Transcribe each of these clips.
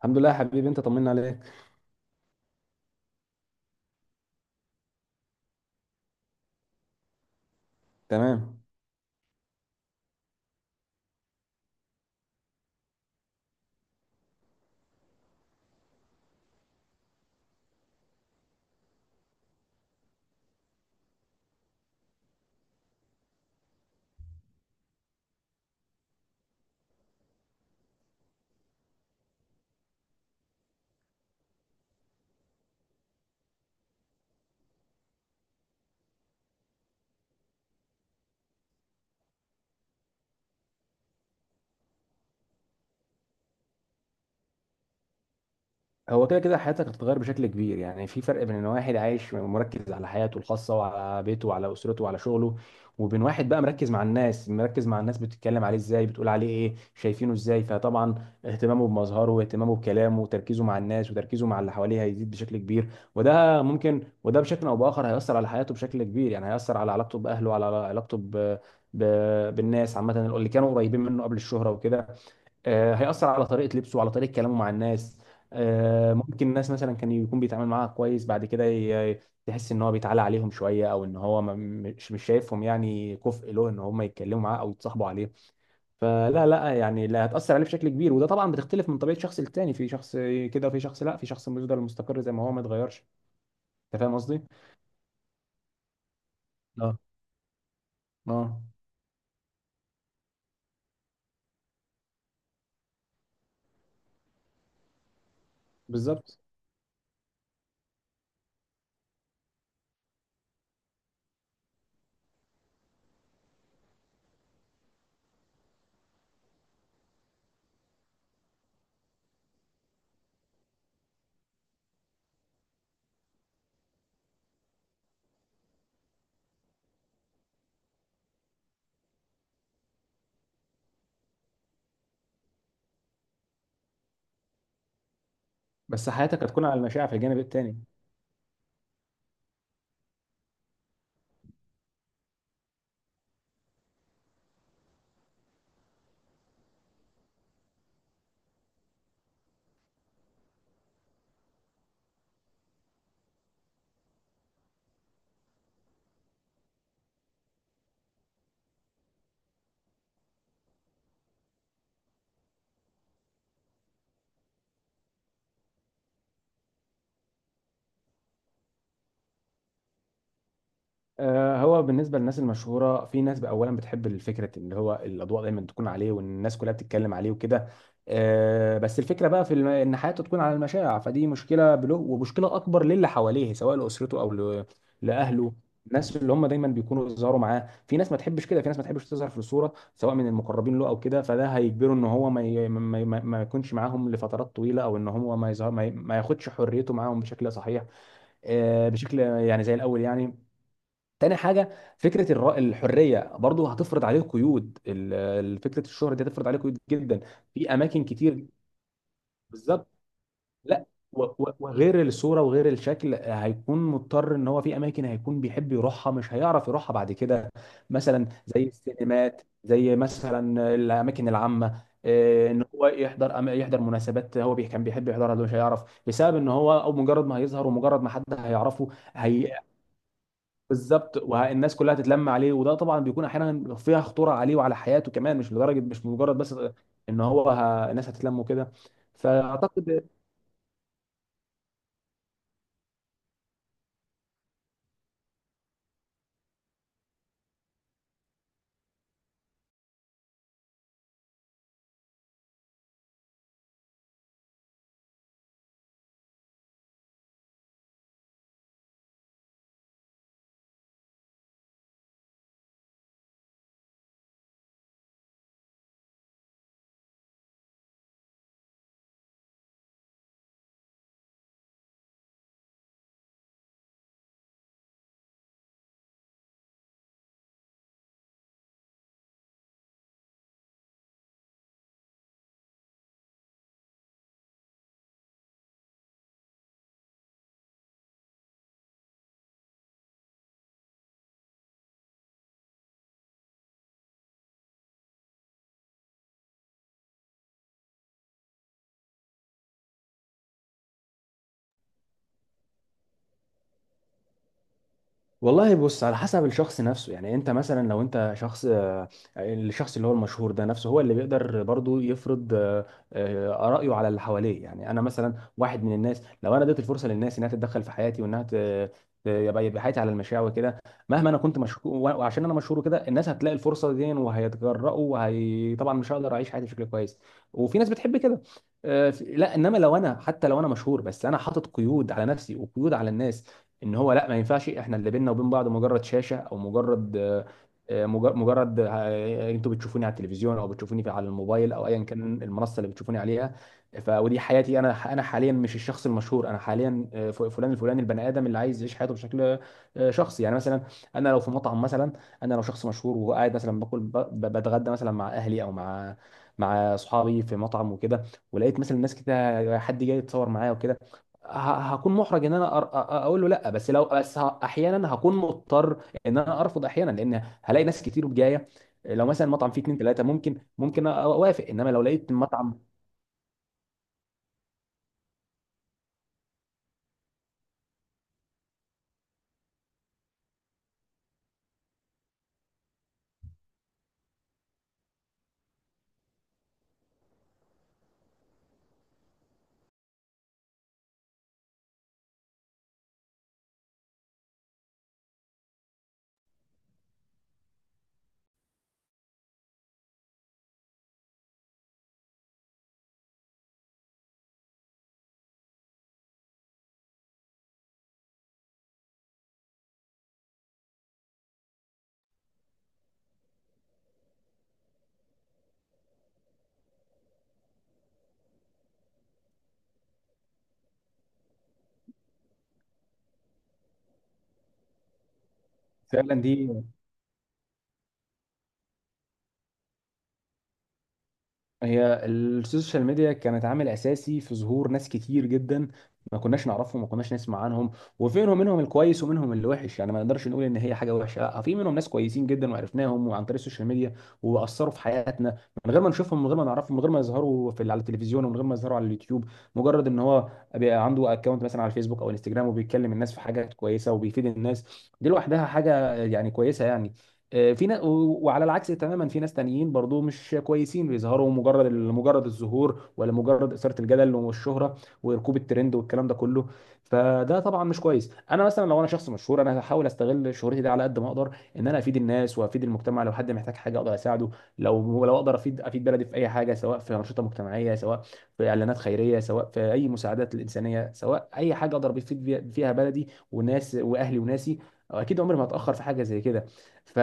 الحمد لله يا حبيبي، انت طمنا عليك. تمام. هو كده كده حياتك هتتغير بشكل كبير، يعني في فرق بين ان واحد عايش مركز على حياته الخاصه وعلى بيته وعلى اسرته وعلى شغله، وبين واحد بقى مركز مع الناس، مركز مع الناس بتتكلم عليه ازاي، بتقول عليه ايه، شايفينه ازاي. فطبعا اهتمامه بمظهره واهتمامه بكلامه وتركيزه مع الناس وتركيزه مع اللي حواليه هيزيد بشكل كبير. وده ممكن، وده بشكل او باخر هيأثر على حياته بشكل كبير، يعني هيأثر على علاقته باهله وعلى علاقته ب... بالناس عامه اللي كانوا قريبين منه قبل الشهره وكده. هيأثر على طريقة لبسه، على طريقة كلامه مع الناس. ممكن الناس مثلا كان يكون بيتعامل معاها كويس، بعد كده تحس ان هو بيتعالى عليهم شوية، او ان هو مش شايفهم يعني كفء له ان هم يتكلموا معاه او يتصاحبوا عليه. فلا لا يعني، لا هتأثر عليه بشكل كبير، وده طبعا بتختلف من طبيعة شخص للتاني. في شخص كده وفي شخص لا، في شخص بيفضل مستقر زي ما هو ما اتغيرش. انت فاهم قصدي؟ اه اه، بالظبط. بس حياتك هتكون على المشاع في الجانب التاني. هو بالنسبة للناس المشهورة، في ناس بقى أولا بتحب الفكرة، اللي هو الأضواء دايما تكون عليه وإن الناس كلها بتتكلم عليه وكده. بس الفكرة بقى في إن حياته تكون على المشاع، فدي مشكلة بله ومشكلة أكبر للي حواليه، سواء لأسرته أو لأهله. الناس اللي هم دايما بيكونوا يظهروا معاه، في ناس ما تحبش كده، في ناس ما تحبش تظهر في الصورة، سواء من المقربين له أو كده. فده هيجبره إن هو ما ي- ما ما- ما يكونش معاهم لفترات طويلة، أو إن هو ما يظهر، ما ياخدش حريته معاهم بشكل صحيح، بشكل يعني زي الأول يعني. تاني حاجة، فكرة الحرية برضو هتفرض عليه قيود، فكرة الشهرة دي هتفرض عليه قيود جدا في أماكن كتير. بالظبط. لا، وغير الصورة وغير الشكل هيكون مضطر إن هو في أماكن هيكون بيحب يروحها مش هيعرف يروحها بعد كده. مثلا زي السينمات، زي مثلا الأماكن العامة ان هو يحضر يحضر مناسبات هو كان بيحب يحضرها دلوقتي مش هيعرف، بسبب ان هو او مجرد ما هيظهر ومجرد ما حد هيعرفه. هي بالظبط، والناس كلها تتلم عليه، وده طبعا بيكون احيانا فيها خطوره عليه وعلى حياته كمان، مش لدرجه، مش مجرد بس ان هو الناس هتتلم وكده. فاعتقد، والله بص، على حسب الشخص نفسه. يعني انت مثلا لو انت شخص الشخص اللي هو المشهور ده نفسه هو اللي بيقدر برضو يفرض رأيه على اللي حواليه. يعني انا مثلا واحد من الناس، لو انا اديت الفرصة للناس انها تتدخل في حياتي وانها يبقى يبقى حياتي على المشاع وكده، مهما انا كنت مشهور، وعشان انا مشهور وكده الناس هتلاقي الفرصة دي وهيتجرأوا، وهي طبعا مش هقدر اعيش حياتي بشكل كويس. وفي ناس بتحب كده. لا، انما لو انا، حتى لو انا مشهور، بس انا حاطط قيود على نفسي وقيود على الناس، ان هو لا، ما ينفعش احنا اللي بيننا وبين بعض مجرد شاشه، او مجرد مجرد انتوا بتشوفوني على التلفزيون او بتشوفوني في على الموبايل او ايا كان المنصه اللي بتشوفوني عليها. ف ودي حياتي انا، انا حاليا مش الشخص المشهور، انا حاليا فلان الفلاني، البني ادم اللي عايز يعيش حياته بشكل شخصي. يعني مثلا انا لو في مطعم مثلا، انا لو شخص مشهور وقاعد مثلا باكل بتغدى مثلا مع اهلي او مع مع اصحابي في مطعم وكده، ولقيت مثلا ناس كده حد جاي يتصور معايا وكده، هكون محرج ان انا اقول له لا، بس لو بس احيانا هكون مضطر ان انا ارفض احيانا، لان هلاقي ناس كتير جايه. لو مثلا المطعم فيه اتنين تلاته ممكن ممكن اوافق، انما لو لقيت المطعم. فعلا دي، هي السوشيال ميديا كانت عامل اساسي في ظهور ناس كتير جدا، ما كناش نعرفهم، ما كناش نسمع عنهم. وفيهم منهم الكويس ومنهم اللي وحش، يعني ما نقدرش نقول ان هي حاجه وحشه، لا، في منهم ناس كويسين جدا وعرفناهم وعن طريق السوشيال ميديا، واثروا في حياتنا من غير ما نشوفهم، من غير ما نعرفهم، من غير ما يظهروا في على التلفزيون، ومن غير ما يظهروا على اليوتيوب. مجرد ان هو بيبقى عنده اكونت مثلا على الفيسبوك او انستجرام وبيتكلم الناس في حاجات كويسه وبيفيد الناس، دي لوحدها حاجه يعني كويسه يعني. في ناس، وعلى العكس تماما في ناس تانيين برضو مش كويسين، بيظهروا مجرد الظهور، ولا مجرد إثارة الجدل والشهرة وركوب الترند والكلام ده كله. فده طبعا مش كويس. انا مثلا لو انا شخص مشهور، انا هحاول استغل شهرتي دي على قد ما اقدر ان انا افيد الناس وافيد المجتمع. لو حد محتاج حاجه اقدر اساعده، لو اقدر افيد، افيد بلدي في اي حاجه، سواء في انشطه مجتمعيه، سواء في اعلانات خيريه، سواء في اي مساعدات الانسانيه، سواء اي حاجه اقدر افيد فيها بلدي وناس واهلي وناسي. اكيد عمري ما هتاخر في حاجه زي كده. ف...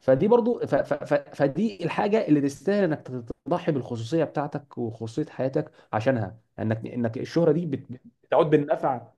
فدي برضو، فدي الحاجه اللي تستاهل انك تضحي بالخصوصيه بتاعتك وخصوصيه حياتك عشانها، انك انك الشهره دي بتعود بالنفع.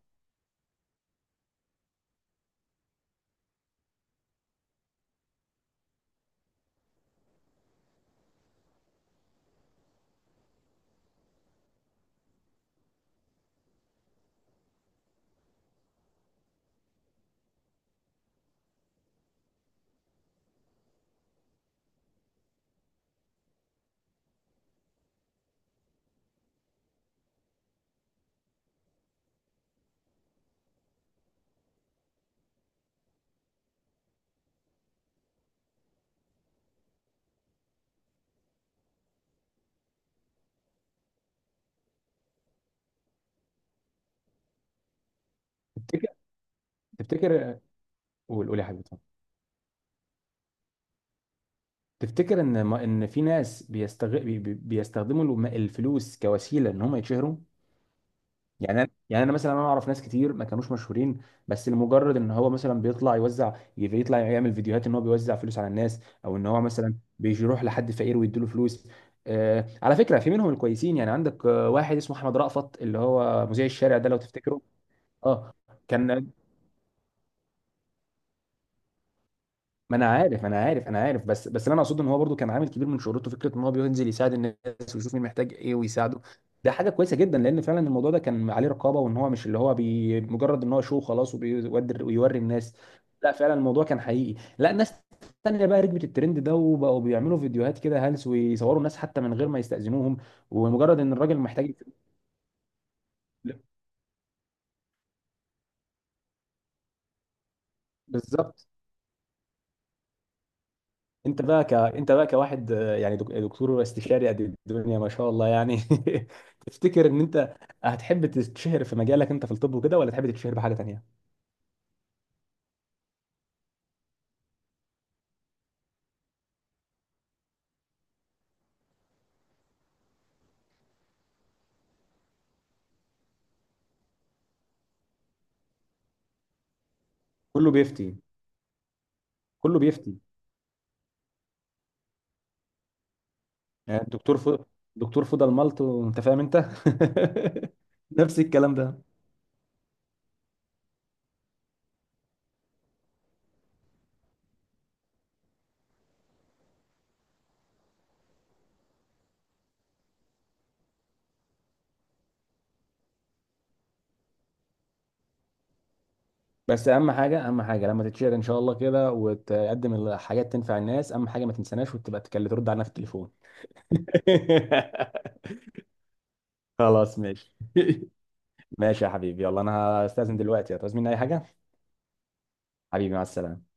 تفتكر، تفتكر، قول قول يا حبيبي، اتفضل. تفتكر ان ما... ان في ناس بيستخدموا الفلوس كوسيله ان هم يتشهروا؟ يعني انا مثلا انا اعرف ناس كتير ما كانوش مشهورين، بس لمجرد ان هو مثلا بيطلع يوزع، بيطلع يعمل فيديوهات ان هو بيوزع فلوس على الناس، او ان هو مثلا بيروح لحد فقير ويديله فلوس. آه على فكره، في منهم الكويسين يعني. عندك واحد اسمه احمد رأفت اللي هو مذيع الشارع ده، لو تفتكره. اه، كان، ما انا عارف انا عارف انا عارف، بس بس اللي انا اقصده ان هو برضو كان عامل كبير من شهرته فكره ان هو بينزل يساعد الناس ويشوف مين محتاج ايه ويساعده. ده حاجه كويسه جدا، لان فعلا الموضوع ده كان عليه رقابه وان هو مش اللي هو بي مجرد ان هو شو خلاص وبيودر ويوري الناس. لا فعلا الموضوع كان حقيقي. لا ناس تانية بقى ركبت الترند ده وبقوا بيعملوا فيديوهات كده هلس، ويصوروا الناس حتى من غير ما يستأذنوهم، ومجرد ان الراجل محتاج. بالظبط. انت بقى انت بقى كواحد يعني دكتور استشاري قد الدنيا ما شاء الله يعني. تفتكر ان انت هتحب تتشهر في مجالك انت في الطب وكده، ولا تحب تتشهر بحاجه تانيه؟ كله بيفتي. كله بيفتي. يعني دكتور فضل ملط وانت فاهم انت. نفس الكلام ده. بس اهم حاجه، اهم حاجه لما تتشهر ان شاء الله كده وتقدم الحاجات تنفع الناس، اهم حاجه ما تنساناش وتبقى تكلم ترد علينا في التليفون. خلاص ماشي. ماشي يا حبيبي، يلا انا هستأذن دلوقتي. هتعوز مني اي حاجه؟ حبيبي مع السلامة.